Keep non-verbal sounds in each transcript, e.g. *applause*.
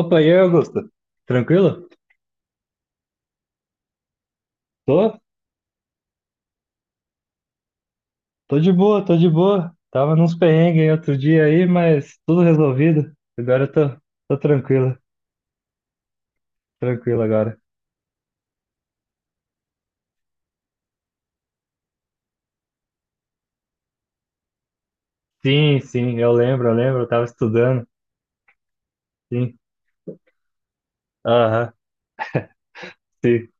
Opa, e aí, Augusto? Tranquilo? Tô, tô de boa, tô de boa. Tava nos perrengues outro dia aí, mas tudo resolvido. Agora eu tô tranquilo, tranquilo agora. Sim, sim, eu lembro, eu tava estudando. Sim, aham, sim.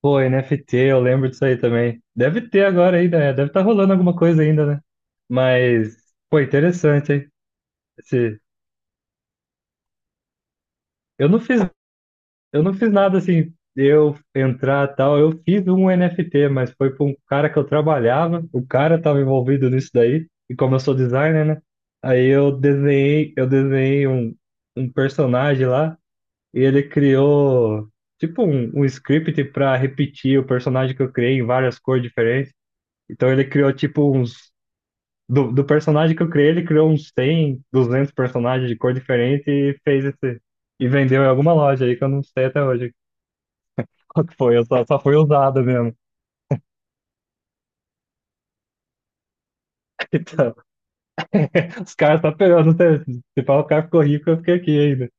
Pô, NFT, eu lembro disso aí também. Deve ter agora ainda, né? Deve estar rolando alguma coisa ainda, né? Mas, pô, interessante, hein? Esse... Eu não fiz Eu não fiz nada assim, eu entrar tal. Eu fiz um NFT, mas foi para um cara que eu trabalhava. O cara estava envolvido nisso daí. E como eu sou designer, né? Aí eu desenhei um personagem lá e ele criou tipo um script para repetir o personagem que eu criei em várias cores diferentes. Então ele criou tipo uns do personagem que eu criei, ele criou uns 100, 200 personagens de cor diferente e fez esse e vendeu em alguma loja aí que eu não sei até hoje, só que só foi usada mesmo. *laughs* Então, os caras estão pegando. Se falar, o cara ficou rico, eu fiquei aqui ainda.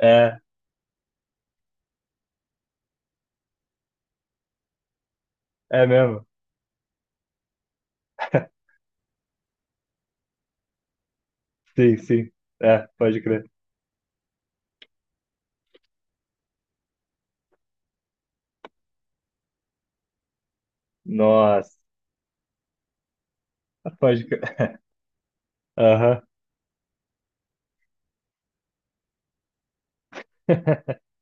É, é mesmo. Sim, sim. É, pode crer. Nossa, pode crer. Aham. *laughs*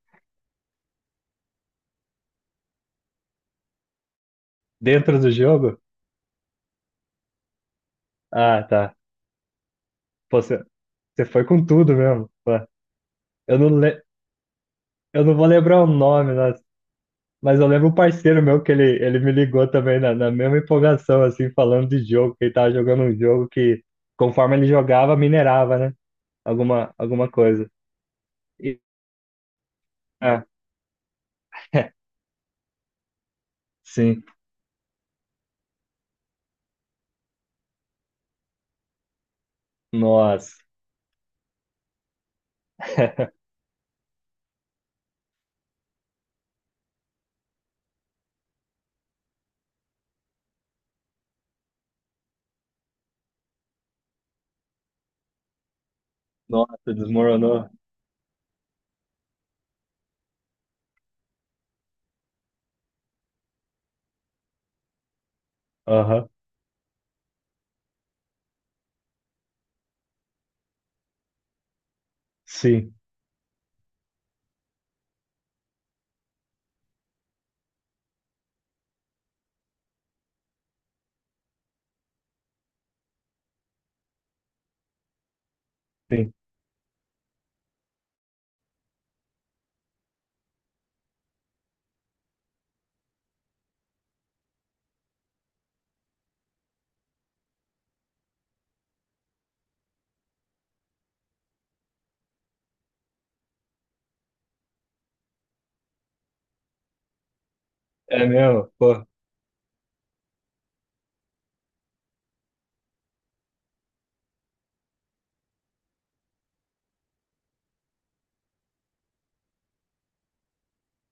Dentro do jogo? Ah, tá. Pô, você foi com tudo mesmo. Pô, eu não, le- eu não vou lembrar o nome, nossa, mas eu lembro um parceiro meu que ele me ligou também na mesma empolgação, assim, falando de jogo, que ele tava jogando um jogo que, conforme ele jogava, minerava, né? Alguma coisa. É, sim. Nossa. *laughs* Nossa, desmoronou. Aham, sim, sim. É mesmo? Pô,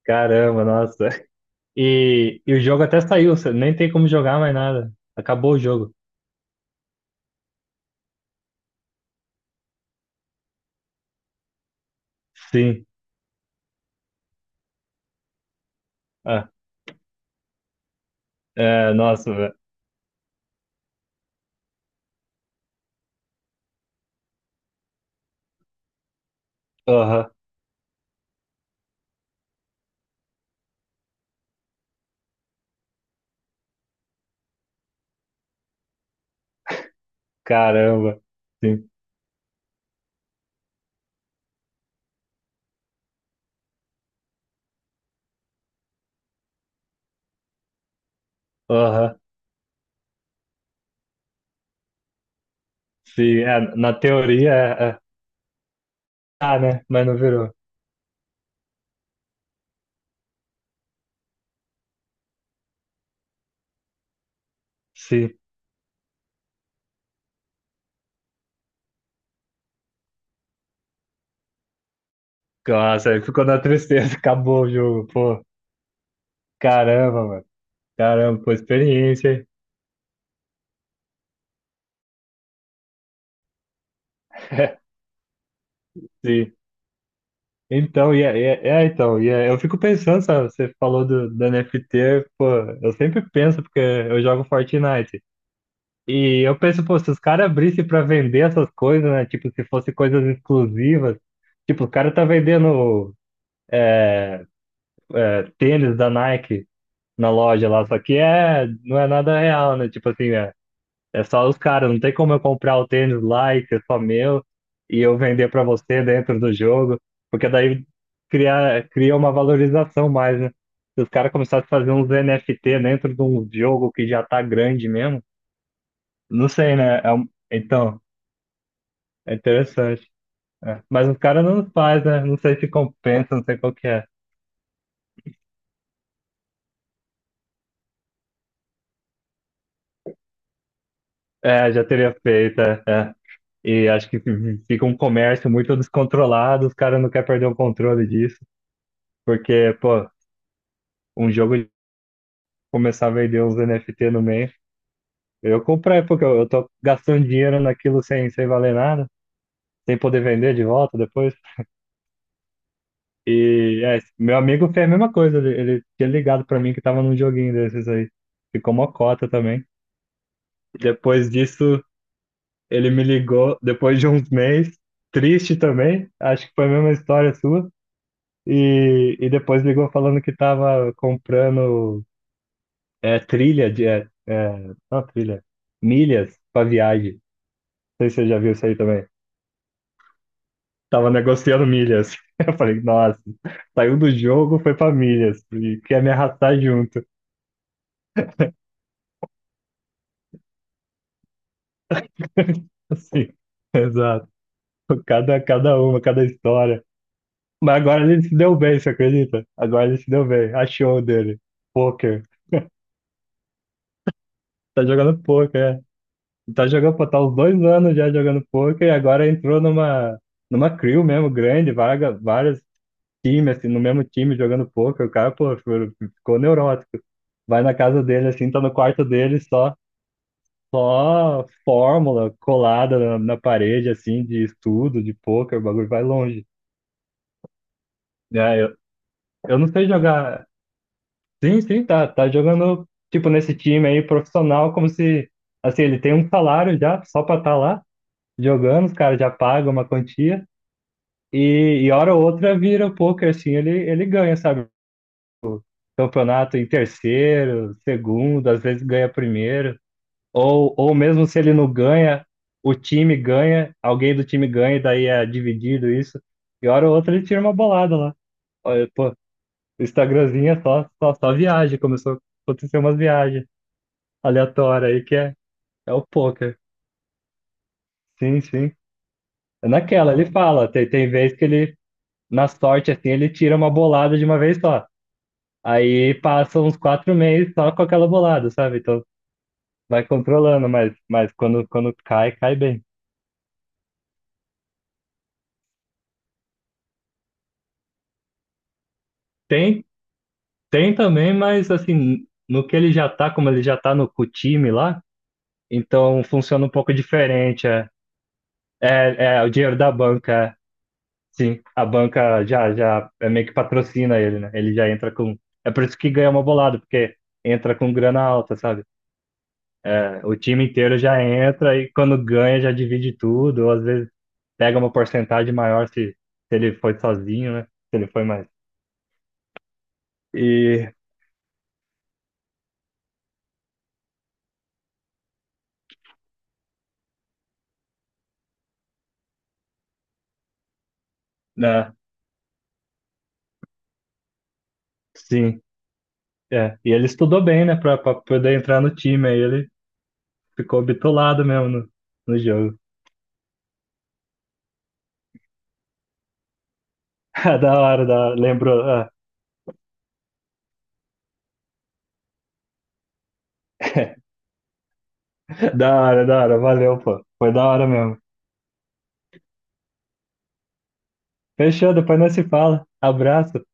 caramba, nossa. E o jogo até saiu, você nem tem como jogar mais nada. Acabou o jogo. Sim. Ah, é, nossa, velho. Aham, caramba. Sim. Aham, sim. É, na teoria, é, é. Ah, né? Mas não virou. Sim. Nossa, aí ficou na tristeza. *laughs* Acabou o jogo, pô. Caramba, mano. Caramba, pô, experiência, hein? *laughs* Sim. Então, eu fico pensando, sabe? Você falou do NFT, pô, eu sempre penso, porque eu jogo Fortnite. E eu penso, pô, se os caras abrissem pra vender essas coisas, né? Tipo, se fosse coisas exclusivas. Tipo, o cara tá vendendo, é, tênis da Nike na loja lá, só que, não é nada real, né? Tipo assim, é só os caras, não tem como eu comprar o tênis lá e ser só meu e eu vender pra você dentro do jogo, porque daí cria uma valorização mais, né? Se os caras começarem a fazer uns NFT dentro de um jogo que já tá grande mesmo, não sei, né? Então, é interessante. É. Mas os caras não faz, né? Não sei se compensa, não sei qual que é. É, já teria feito, é. É. E acho que fica um comércio muito descontrolado, os caras não querem perder o controle disso, porque, pô, um jogo começar a vender uns NFT no meio. Eu comprei, porque eu tô gastando dinheiro naquilo sem, sem valer nada, sem poder vender de volta depois. E meu amigo fez a mesma coisa, ele tinha ligado pra mim que tava num joguinho desses aí. Ficou mocota também. Depois disso, ele me ligou depois de uns meses, triste também, acho que foi a mesma história sua. E depois ligou falando que tava comprando, é, trilha de. É, é, não, trilha, milhas pra viagem. Sei se você já viu isso aí também. Tava negociando milhas. *laughs* Eu falei, nossa, saiu do jogo, foi pra milhas. E quer me arrastar junto. *laughs* Assim, exato. Cada uma, cada história. Mas agora ele se deu bem, você acredita? Agora ele se deu bem. Achou dele. Poker. Tá jogando poker, é. Tá jogando, pô, tá uns 2 anos já jogando poker e agora entrou numa crew mesmo grande, vaga, várias time, assim, no mesmo time, jogando poker, o cara, pô, ficou neurótico. Vai na casa dele, assim, tá no quarto dele, só fórmula colada na parede, assim, de estudo, de poker, o bagulho vai longe. É, eu não sei jogar. Sim, sim, tá jogando, tipo, nesse time aí, profissional, como se, assim, ele tem um salário já, só pra estar tá lá, jogando, os caras já pagam uma quantia. E hora ou outra vira o poker, assim, ele ganha, sabe? Campeonato em terceiro, segundo, às vezes ganha primeiro. Ou mesmo se ele não ganha, o time ganha, alguém do time ganha, e daí é dividido isso. E hora ou outra ele tira uma bolada lá. Olha, pô, o Instagramzinho é só viagem. Começou a acontecer umas viagens aleatórias aí que, é o poker. Sim, sim. É naquela, ele fala. Tem vez que ele, na sorte, assim, ele tira uma bolada de uma vez só. Aí passa uns 4 meses só com aquela bolada, sabe? Então vai controlando, mas quando, quando cai, cai bem. Tem, tem também, mas assim, no que ele já tá, como ele já tá no com o time lá, então funciona um pouco diferente. É o dinheiro da banca, é. Sim. A banca já é meio que patrocina ele, né? Ele já entra com. É por isso que ganha uma bolada, porque entra com grana alta, sabe? É, o time inteiro já entra e quando ganha já divide tudo, ou às vezes pega uma porcentagem maior se ele foi sozinho, né? Se ele foi mais. E. né, sim, é. E ele estudou bem, né, pra, pra poder entrar no time. Aí ele ficou bitolado mesmo no jogo. *laughs* Ah, da hora, da hora. Lembrou. Ah. *laughs* Da hora, da hora. Valeu, pô. Foi da hora mesmo. Fechou, depois nós se fala. Abraço.